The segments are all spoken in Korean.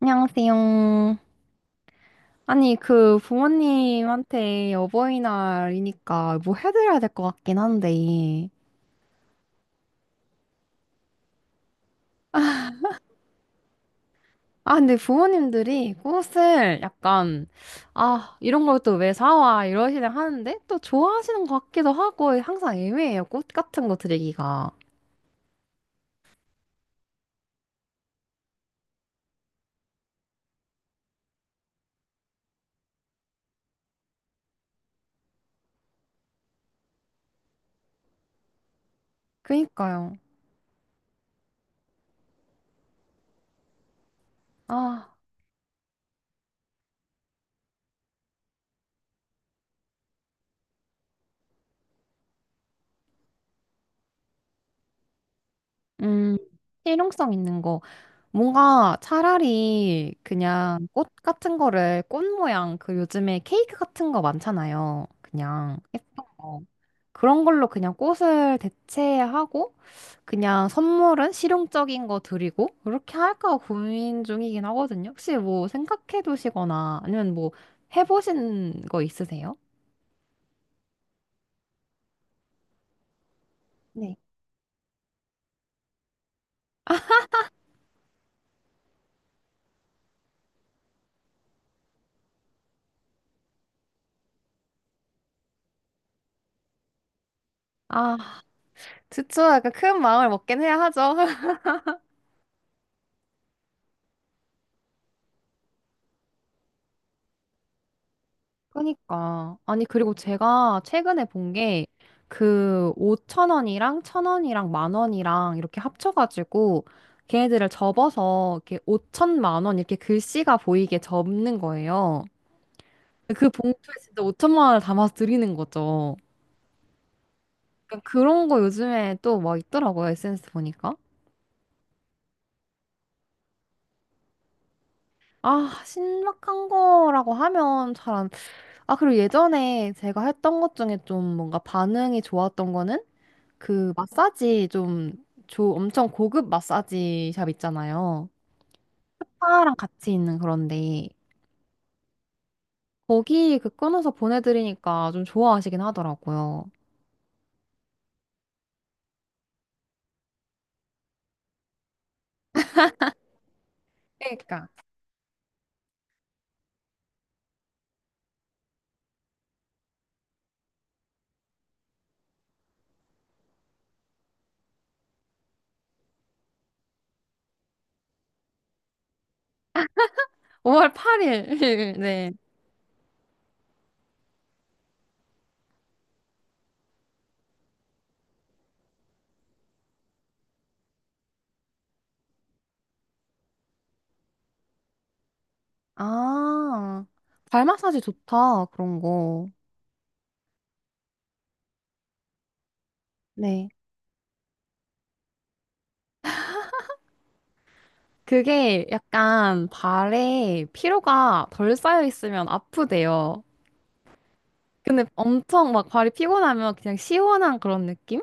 안녕하세요. 아니, 그 부모님한테 어버이날이니까 뭐 해드려야 될 것 같긴 한데. 아, 근데 부모님들이 꽃을 약간, 아, 이런 걸 또 왜 사와? 이러시긴 하는데, 또 좋아하시는 것 같기도 하고, 항상 애매해요. 꽃 같은 거 드리기가. 그니까요. 아, 음, 실용성 있는 거. 뭔가 차라리 그냥 꽃 같은 거를 꽃 모양 그 요즘에 케이크 같은 거 많잖아요. 그냥 예쁜 거. 그런 걸로 그냥 꽃을 대체하고 그냥 선물은 실용적인 거 드리고 그렇게 할까 고민 중이긴 하거든요. 혹시 뭐 생각해 두시거나 아니면 뭐 해보신 거 있으세요? 네. 아, 그쵸. 약간 큰 마음을 먹긴 해야 하죠. 그러니까. 아니, 그리고 제가 최근에 본 게, 그, 5천 원이랑, 천 원이랑, 만 원이랑, 이렇게 합쳐가지고, 걔네들을 접어서, 이렇게 5천만 원, 이렇게 글씨가 보이게 접는 거예요. 그 봉투에 진짜 5천만 원을 담아서 드리는 거죠. 그러니까 그런 거 요즘에 또 막 있더라고요, SNS 보니까. 아, 신박한 거라고 하면 잘 안, 그리고 예전에 제가 했던 것 중에 좀 뭔가 반응이 좋았던 거는, 그 마사지 좀 엄청 고급 마사지 샵 있잖아요. 스파랑 같이 있는 그런데 거기 그 끊어서 보내드리니까 좀 좋아하시긴 하더라고요. 그러니까 5월 8일. 네. 아, 발 마사지 좋다. 그런 거. 네. 그게 약간 발에 피로가 덜 쌓여 있으면 아프대요. 근데 엄청 막 발이 피곤하면 그냥 시원한 그런 느낌?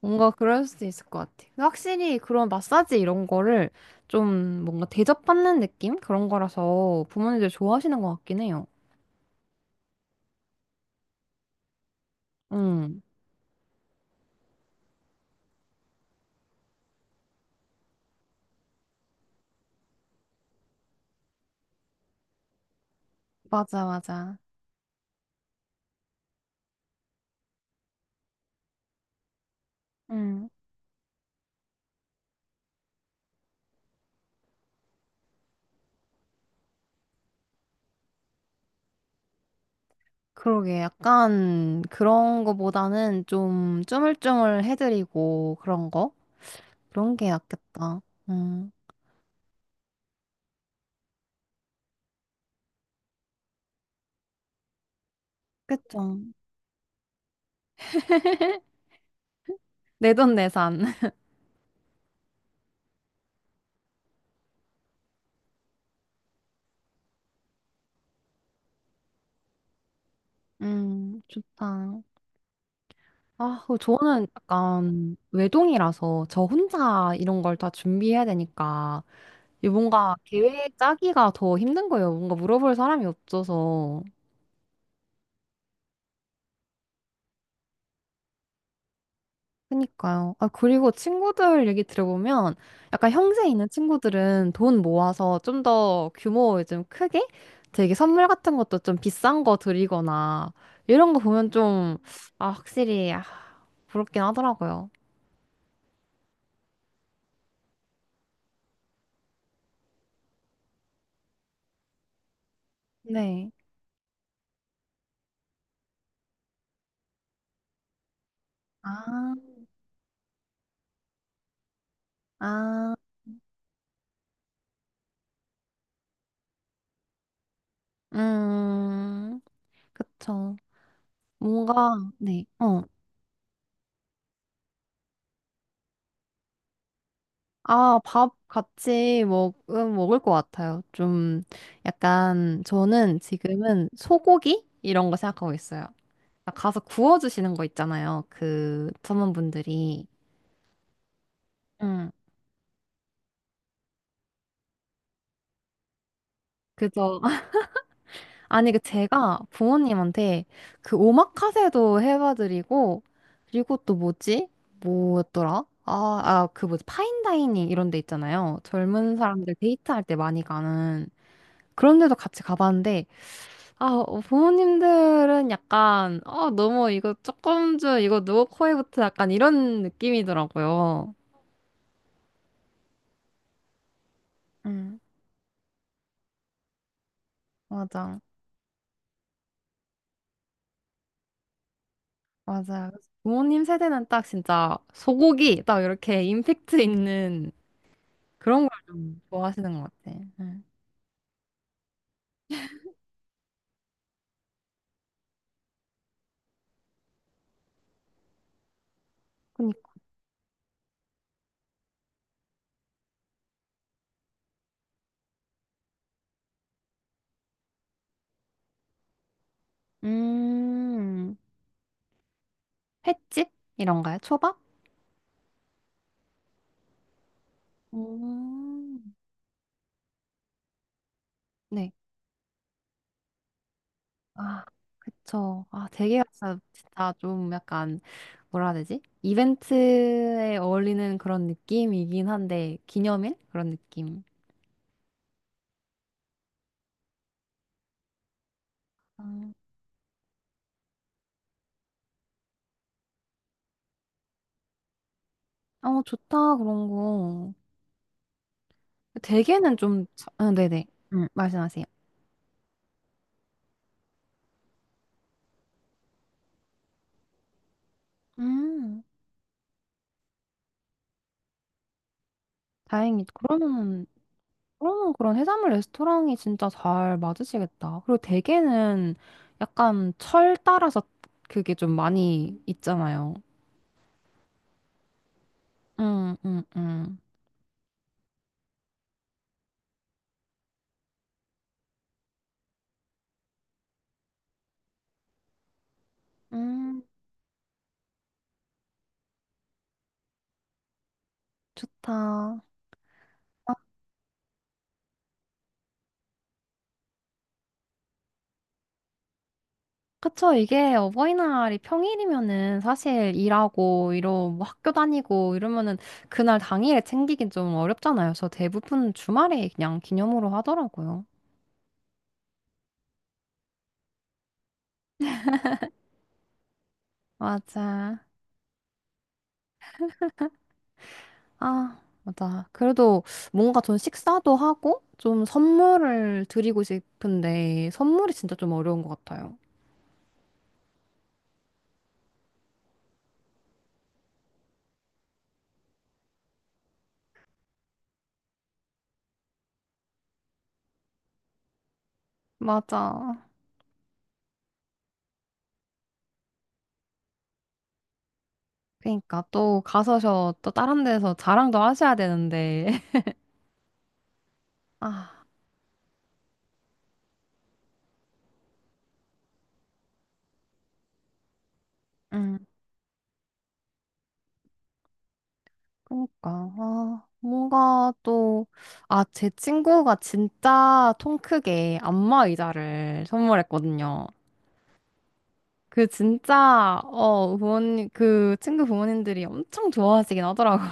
뭔가 그럴 수도 있을 것 같아. 근데 확실히 그런 마사지 이런 거를 좀 뭔가 대접받는 느낌? 그런 거라서 부모님들 좋아하시는 것 같긴 해요. 응, 맞아, 맞아. 응. 그러게, 약간 그런 거보다는 좀 쪼물쪼물 해드리고 그런 거? 그런 게 낫겠다. 응, 그쵸. 내돈내산. 좋다. 아, 그 저는 약간 외동이라서 저 혼자 이런 걸 다 준비해야 되니까 이 뭔가 계획 짜기가 더 힘든 거예요. 뭔가 물어볼 사람이 없어서. 그니까요. 아, 그리고 친구들 얘기 들어보면 약간 형제 있는 친구들은 돈 모아서 좀 더 규모 좀 크게 되게 선물 같은 것도 좀 비싼 거 드리거나 이런 거 보면 좀, 확실히, 부럽긴 하더라고요. 네. 아, 아, 음, 그쵸. 뭔가, 네, 어. 아, 밥 같이 먹을 것 같아요. 좀 약간 저는 지금은 소고기? 이런 거 생각하고 있어요. 아, 가서 구워주시는 거 있잖아요. 그 전문분들이. 응. 그래서, 아니, 그 제가 부모님한테 그 오마카세도 해봐드리고, 그리고 또 뭐지? 뭐였더라? 아, 그 뭐지? 파인다이닝 이런 데 있잖아요. 젊은 사람들 데이트할 때 많이 가는 그런 데도 같이 가봤는데, 아, 부모님들은 약간, 너무 이거 조금 줘, 이거 누구 코에 붙어, 약간 이런 느낌이더라고요. 응, 맞아. 맞아. 그래서 부모님 세대는 딱 진짜 소고기, 딱 이렇게 임팩트 있는 그런 걸 좀 좋아하시는 것 같아. 응. 그니까. 음, 횟집? 이런가요? 초밥? 음, 네. 아, 그쵸. 아, 되게 진짜 진짜 좀 약간 뭐라 해야 되지? 이벤트에 어울리는 그런 느낌이긴 한데, 기념일? 그런 느낌. 음. 어, 좋다, 그런 거. 대게는 좀, 네네. 말씀하세요. 음, 다행이다. 그러면 그런 해산물 레스토랑이 진짜 잘 맞으시겠다. 그리고 대게는 약간 철 따라서 그게 좀 많이 있잖아요. 음, 음, 음. 음, 좋다. 그쵸. 이게 어버이날이 평일이면은 사실 일하고, 뭐 학교 다니고 이러면은 그날 당일에 챙기긴 좀 어렵잖아요. 그래서 대부분 주말에 그냥 기념으로 하더라고요. 맞아. 아, 맞아. 그래도 뭔가 전 식사도 하고 좀 선물을 드리고 싶은데 선물이 진짜 좀 어려운 것 같아요. 맞아. 그러니까 또 가서 저 또 다른 데서 자랑도 하셔야 되는데. 아. 음. 그러니까 뭔가 또 제 친구가 진짜 통 크게 안마 의자를 선물했거든요. 그 진짜 부모님 그 친구 부모님들이 엄청 좋아하시긴 하더라고요.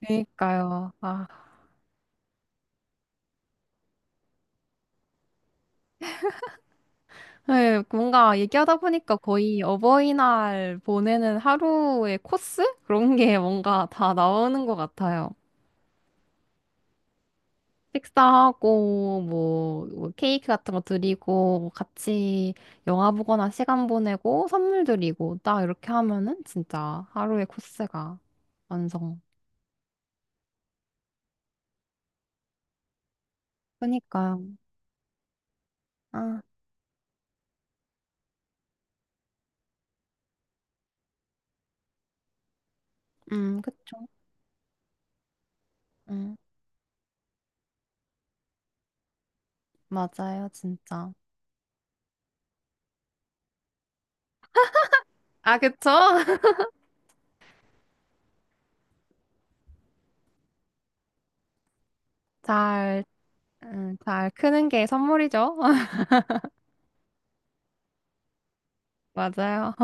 그러니까요. 아, 네, 뭔가 얘기하다 보니까 거의 어버이날 보내는 하루의 코스 그런 게 뭔가 다 나오는 것 같아요. 식사하고 뭐, 뭐 케이크 같은 거 드리고 뭐 같이 영화 보거나 시간 보내고 선물 드리고 딱 이렇게 하면은 진짜 하루의 코스가 완성. 그니까요. 아, 그쵸. 음, 맞아요, 진짜. 아, 그쵸? 잘, 잘 크는 게 선물이죠. 맞아요.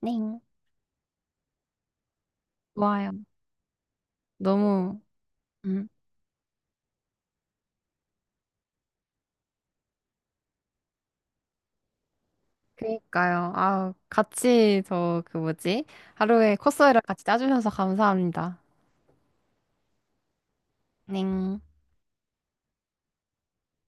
네. 좋아요. 너무, 음, 그니까요. 아, 같이 저 그 뭐지? 하루에 코스를 같이 짜주셔서 감사합니다. 넹.